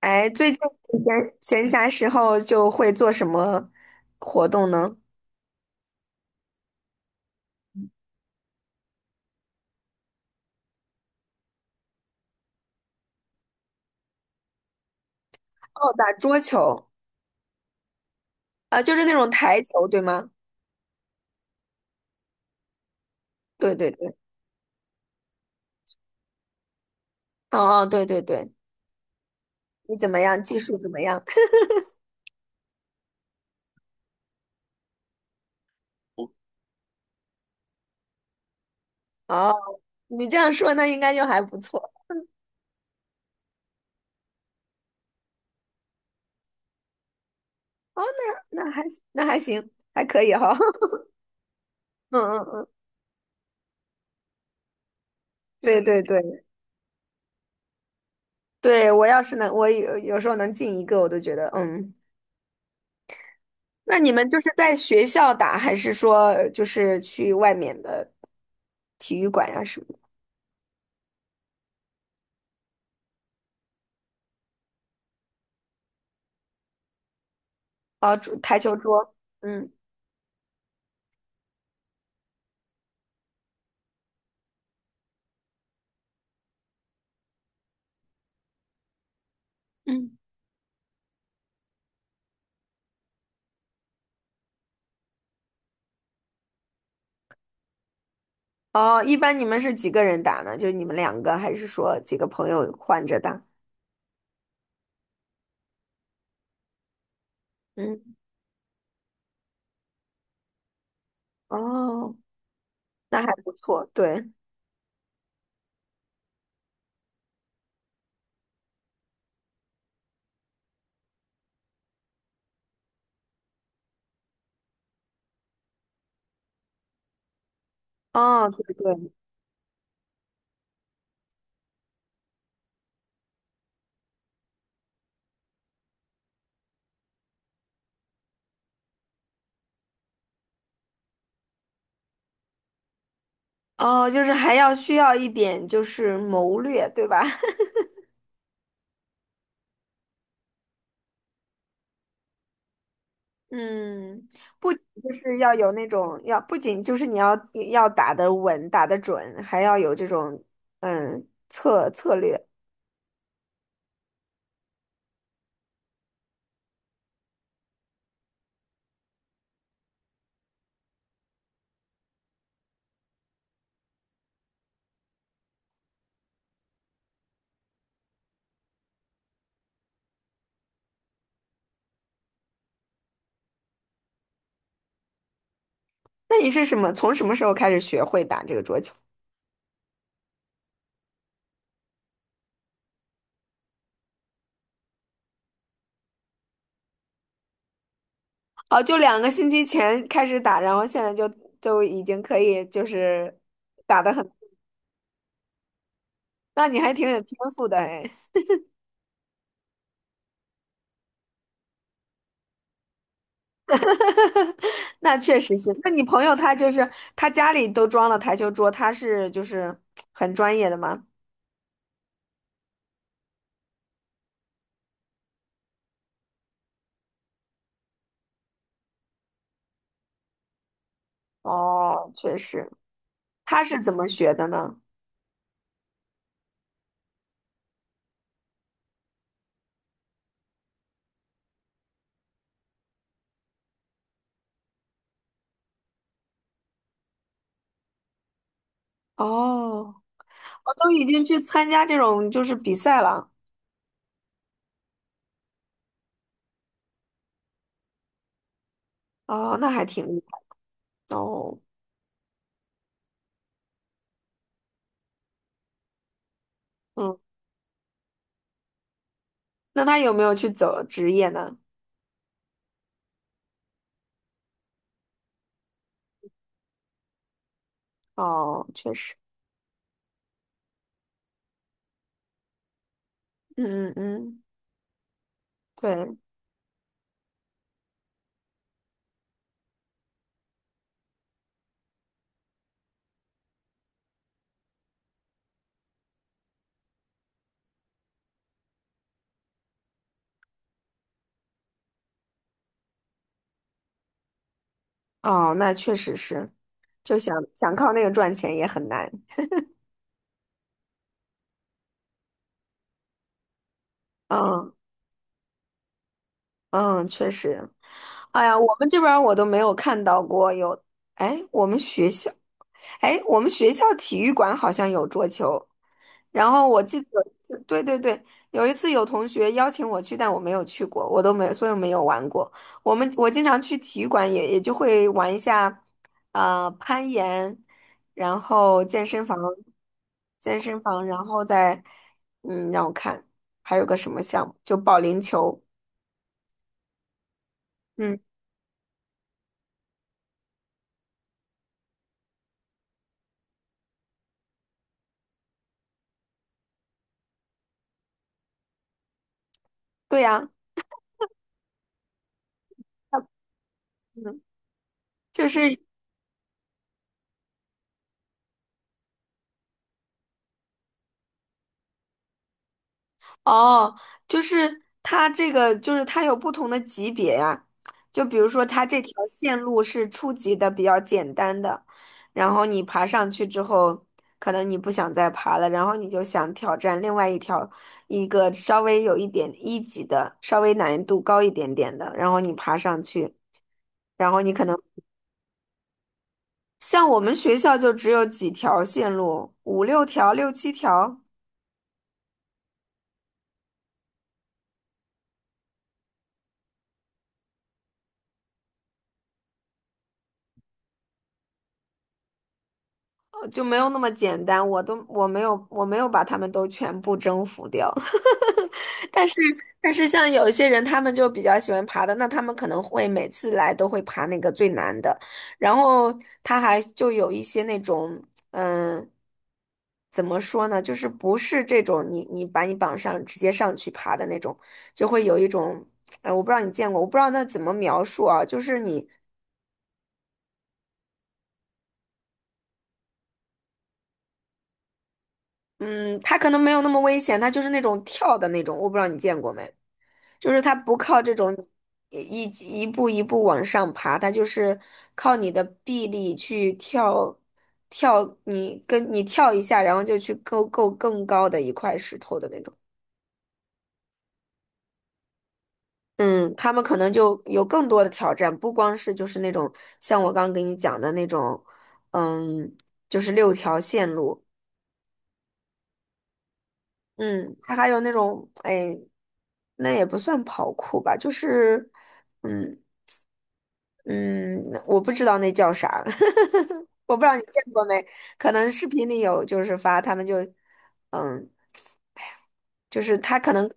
哎，最近闲暇时候就会做什么活动呢？哦，打桌球，啊，就是那种台球，对吗？对对对，哦哦，对对对，你怎么样？技术怎么样？哦，你这样说，那应该就还不错。哦，那那还那还行，还可以哈。嗯嗯嗯，对对对对，我要是能，我有时候能进一个，我都觉得嗯。那你们就是在学校打，还是说就是去外面的体育馆啊什么哦，台球桌，嗯，嗯，哦，一般你们是几个人打呢？就你们两个，还是说几个朋友换着打？嗯，哦，那还不错，对，哦，对对，哦，就是还要需要一点就是谋略，对吧？嗯，不仅就是要有那种要，不仅就是你要要打得稳、打得准，还要有这种策略。那你是什么？从什么时候开始学会打这个桌球？哦，就两个星期前开始打，然后现在就已经可以就是打的很，那你还挺有天赋的哎。那确实是，那你朋友他就是他家里都装了台球桌，他是就是很专业的吗？哦，确实，他是怎么学的呢？哦，我都已经去参加这种就是比赛了。哦，那还挺厉害。哦，嗯，那他有没有去走职业呢？哦，确实，嗯嗯嗯，对。哦，那确实是，就想想靠那个赚钱也很难。嗯嗯，确实。哎呀，我们这边儿我都没有看到过有，哎，我们学校。哎，我们学校体育馆好像有桌球，然后我记得有一次对对对，有一次有同学邀请我去，但我没有去过，我都没有，所以我没有玩过。我们我经常去体育馆也就会玩一下，攀岩，然后健身房，健身房，然后再，让我看还有个什么项目，就保龄球，嗯，对呀，它嗯，就是。哦，就是它这个，就是它有不同的级别呀。就比如说，它这条线路是初级的，比较简单的，然后你爬上去之后，可能你不想再爬了，然后你就想挑战另外一条，一个稍微有一点一级的，稍微难度高一点点的，然后你爬上去，然后你可能像我们学校就只有几条线路，五六条、六七条。就没有那么简单，我都我没有我没有把他们都全部征服掉，但是像有一些人，他们就比较喜欢爬的，那他们可能会每次来都会爬那个最难的，然后他还就有一些那种嗯。怎么说呢？就是不是这种你把你绑上直接上去爬的那种，就会有一种，我不知道你见过，我不知道那怎么描述啊，就是你，嗯，他可能没有那么危险，他就是那种跳的那种，我不知道你见过没。就是它不靠这种一一步一步往上爬，它就是靠你的臂力去跳，你跳一下，然后就去够更高的一块石头的那种。嗯，他们可能就有更多的挑战，不光是就是那种像我刚刚给你讲的那种，嗯，就是六条线路，嗯，它还有那种，哎，那也不算跑酷吧，就是，嗯。嗯，我不知道那叫啥，我不知道你见过没？可能视频里有，就是发他们就，嗯，就是他可能，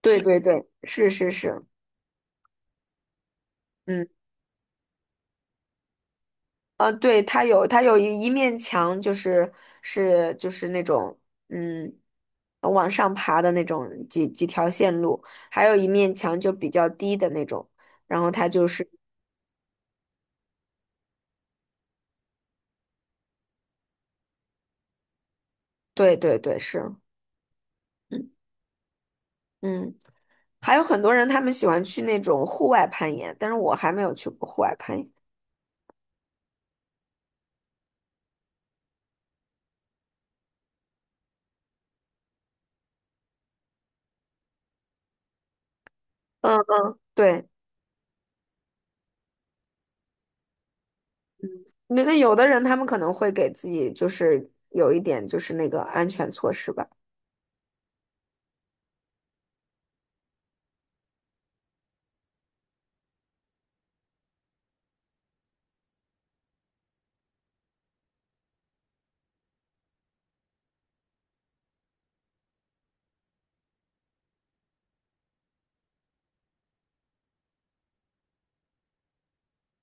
对对对，是是是，嗯，对，他有一面墙，就是是就是那种，嗯，往上爬的那种几条线路，还有一面墙就比较低的那种，然后他就是，对对对，是，嗯嗯。还有很多人他们喜欢去那种户外攀岩，但是我还没有去过户外攀岩。嗯嗯，对，那那有的人他们可能会给自己就是有一点就是那个安全措施吧。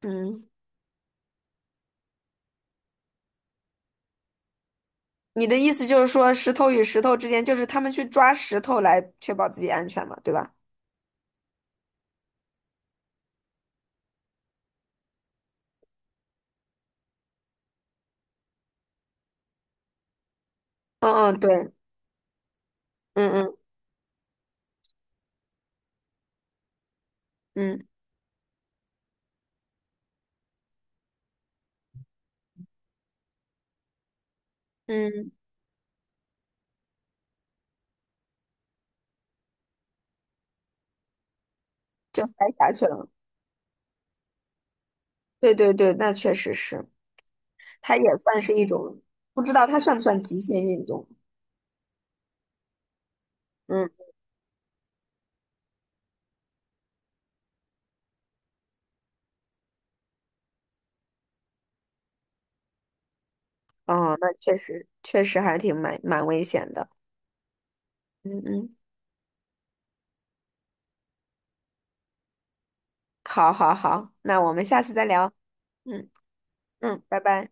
嗯，你的意思就是说石头与石头之间，就是他们去抓石头来确保自己安全嘛，对吧？嗯嗯，对，嗯嗯嗯嗯，就摔下去了。对对对，那确实是，它也算是一种，不知道它算不算极限运动。嗯。哦，那确实还挺蛮危险的。嗯嗯，好好好，那我们下次再聊。嗯嗯，拜拜。